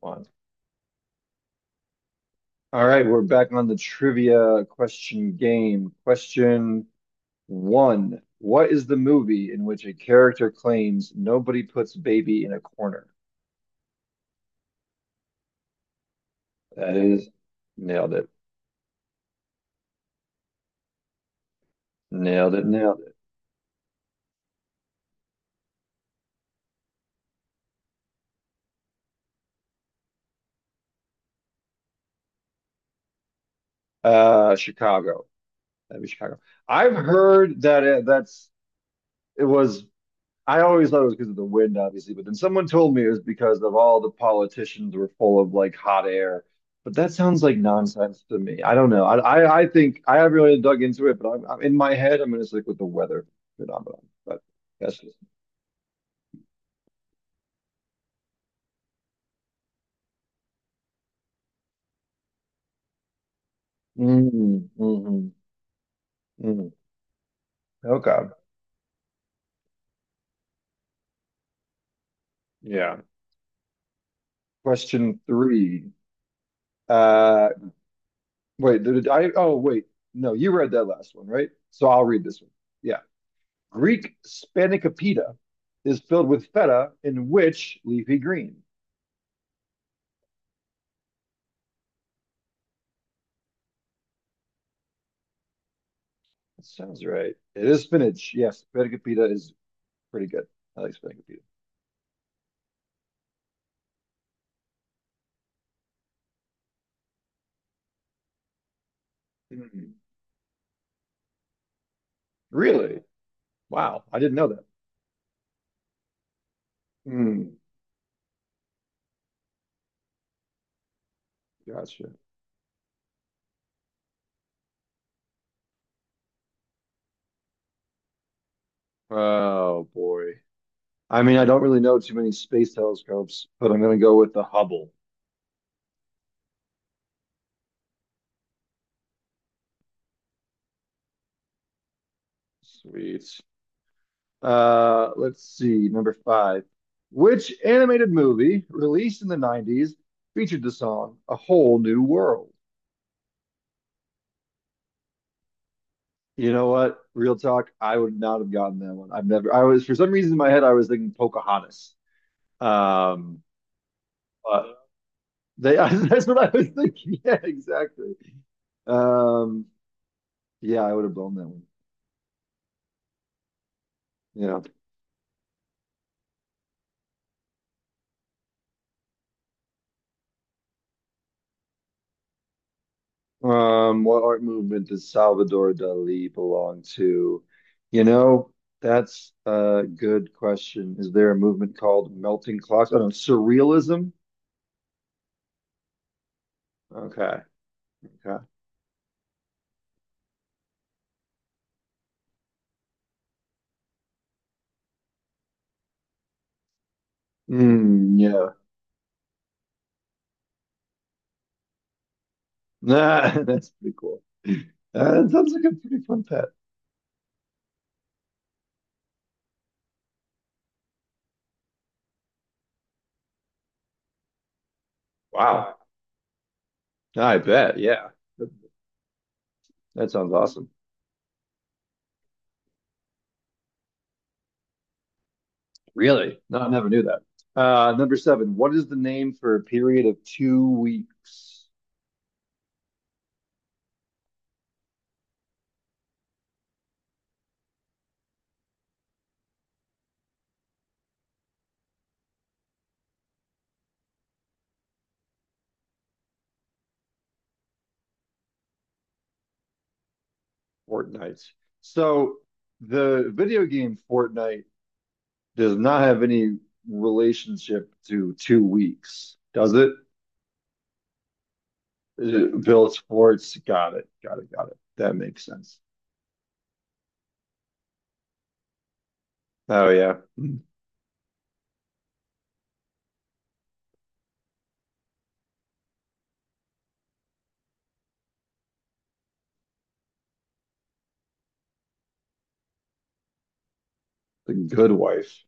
One. All right, we're back on the trivia question game. Question one. What is the movie in which a character claims nobody puts baby in a corner? That is nailed it. Nailed it. Nailed it. Chicago. That'd be Chicago. I've heard that it, that's it was I always thought it was because of the wind, obviously, but then someone told me it was because of all the politicians were full of like hot air. But that sounds like nonsense to me. I don't know. I think I haven't really dug into it, but I'm in my head. I'm going to stick with the weather phenomenon. But that's just mm, hmm. Mm. Okay. Yeah. Question three. Uh, wait. Did I? Oh, wait. No, you read that last one, right? So I'll read this one. Yeah. Greek spanakopita is filled with feta in which leafy green? That sounds right. It is spinach. Yes, spanakopita is pretty good. I like spanakopita. Mm. Really? Wow, I didn't know that. Mm. Gotcha. Oh boy. I mean, I don't really know too many space telescopes, but I'm gonna go with the Hubble. Sweet. Let's see, number five. Which animated movie released in the 90s featured the song A Whole New World? You know what? Real talk, I would not have gotten that one. I've never. I was for some reason in my head I was thinking Pocahontas. Um, but they That's what I was thinking. Yeah, exactly. Um, yeah, I would have blown that one. Yeah. What art movement does Salvador Dali belong to? You know, that's a good question. Is there a movement called melting clocks? Oh no, surrealism. Okay. Okay. Mm, yeah. Nah, that's pretty cool. Uh, that sounds like a pretty fun pet. Wow. I bet. Yeah. That, that sounds awesome. Really? No, I never knew that. Number seven. What is the name for a period of 2 weeks? Fortnite. So the video game Fortnite does not have any relationship to 2 weeks, does it? Bill Sports. Got it. Got it. Got it. That makes sense. Oh, yeah. Hmm. The good wife.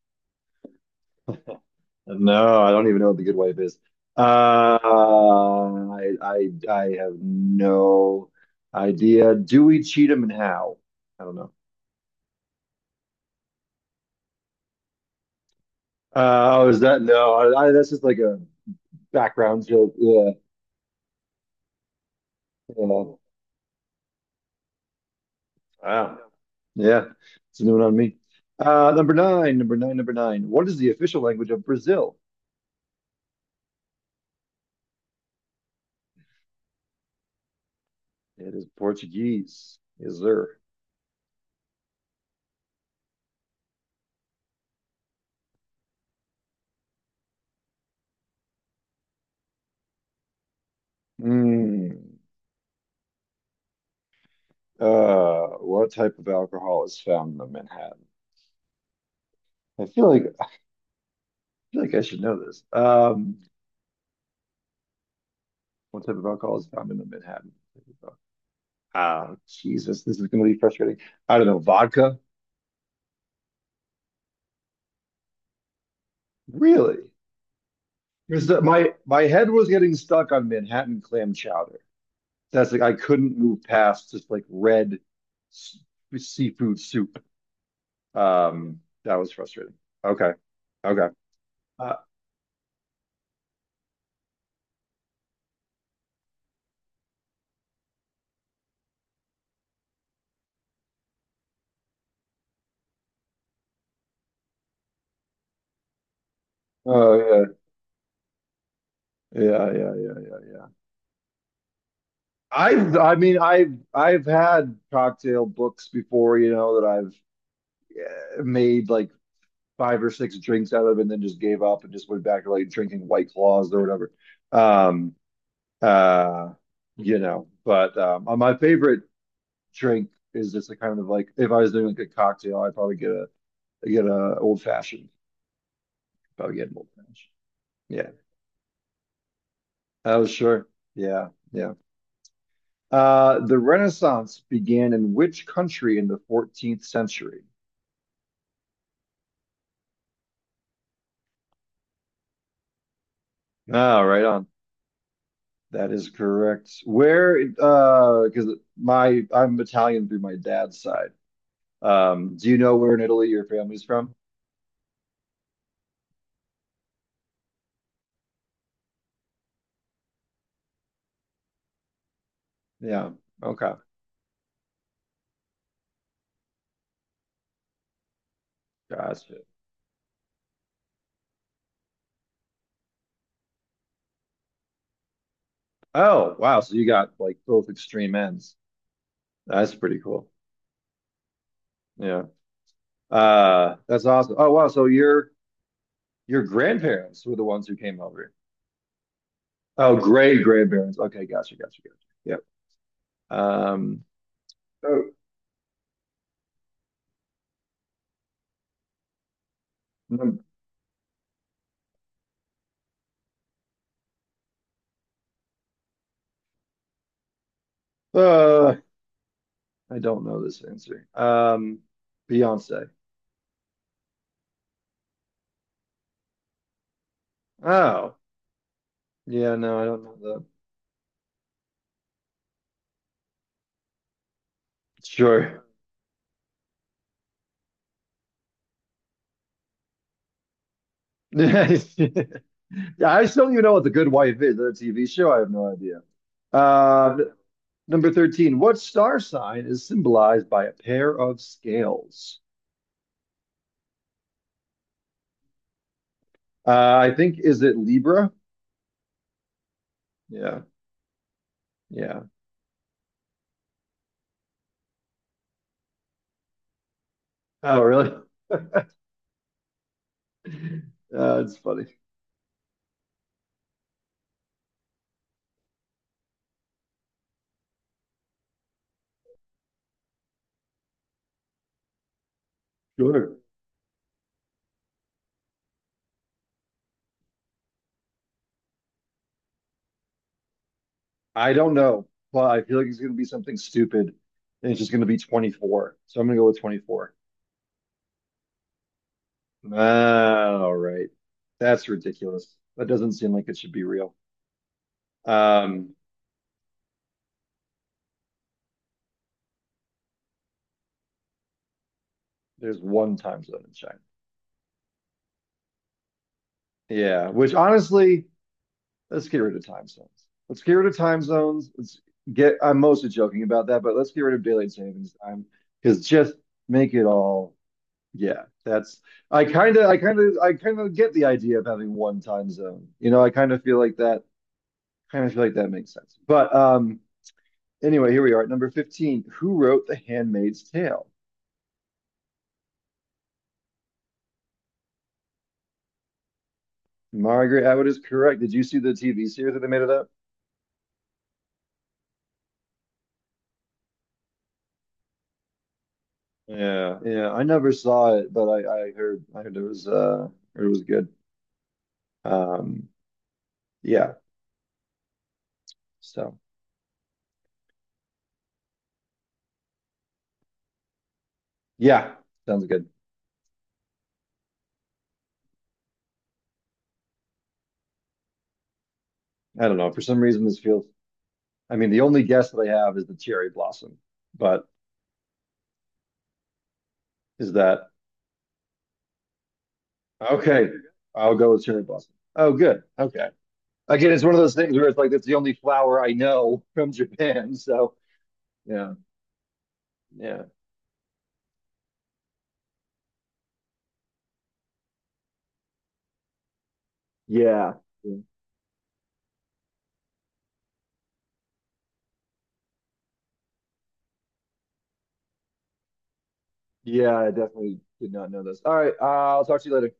No, I don't even know what the good wife is. I have no idea. Dewey Cheatham and How? I don't know. Oh, is that no? That's just like a background joke. Yeah, yeah. Wow. Yeah, it's a new one on me. Number nine, number nine, number nine. What is the official language of Brazil? It is Portuguese. Is there? Hmm. What type of alcohol is found in the Manhattan? I feel like I should know this. What type of alcohol is found in the Manhattan? Oh, Jesus, this is going to be frustrating. I don't know. Vodka? Really? Because my head was getting stuck on Manhattan clam chowder. That's like I couldn't move past just like red s- seafood soup. That was frustrating. Okay, okay. Uh, oh yeah, yeah, yeah, yeah, yeah, yeah. I mean, I've had cocktail books before, that I've made like five or six drinks out of it and then just gave up and just went back to like drinking White Claws or whatever. Um, uh, but my favorite drink is just a kind of like if I was doing like a cocktail, I'd probably get a old fashioned. Probably get an old fashioned. Yeah. Oh, sure. Yeah. Yeah. The Renaissance began in which country in the 14th century? Ah, right on. That is correct. Where, because my I'm Italian through my dad's side. Do you know where in Italy your family's from? Yeah. Okay. Gotcha. Oh, wow. So you got like both extreme ends. That's pretty cool. Yeah. That's awesome. Oh, wow. So your grandparents were the ones who came over. Oh, great grandparents. Okay, gotcha, gotcha, gotcha. Yep. Oh, mm, uh, I don't know this answer. Beyonce. Oh, yeah, no, I don't know that. Sure. Yeah, I still don't even know what The Good Wife is, that TV show? I have no idea. Uh, number 13. What star sign is symbolized by a pair of scales? I think, is it Libra? Yeah. Yeah. Oh, really? It's funny. Sure. I don't know, but I feel like it's going to be something stupid and it's just going to be 24. So I'm going to go with 24. Ah, all right. That's ridiculous. That doesn't seem like it should be real. Um, There's one time zone in China. Yeah, which honestly, let's get rid of time zones. Let's get rid of time zones. I'm mostly joking about that, but let's get rid of daylight savings time because just make it all, yeah, that's, I kind of, I kind of, I kind of get the idea of having one time zone. You know, I kind of feel like that, kind of feel like that makes sense. But anyway, here we are at number 15. Who wrote The Handmaid's Tale? Margaret Atwood is correct. Did you see the TV series that they made of that? Yeah, yeah. I never saw it, but I heard it was good. Um yeah. So yeah, sounds good. I don't know. For some reason this feels I mean the only guess that I have is the cherry blossom. But is that okay, I'll go with cherry blossom. Oh good. Okay. Again, it's one of those things where it's like that's the only flower I know from Japan. So yeah, yeah. Yeah. Yeah, I definitely did not know this. All right, I'll talk to you later.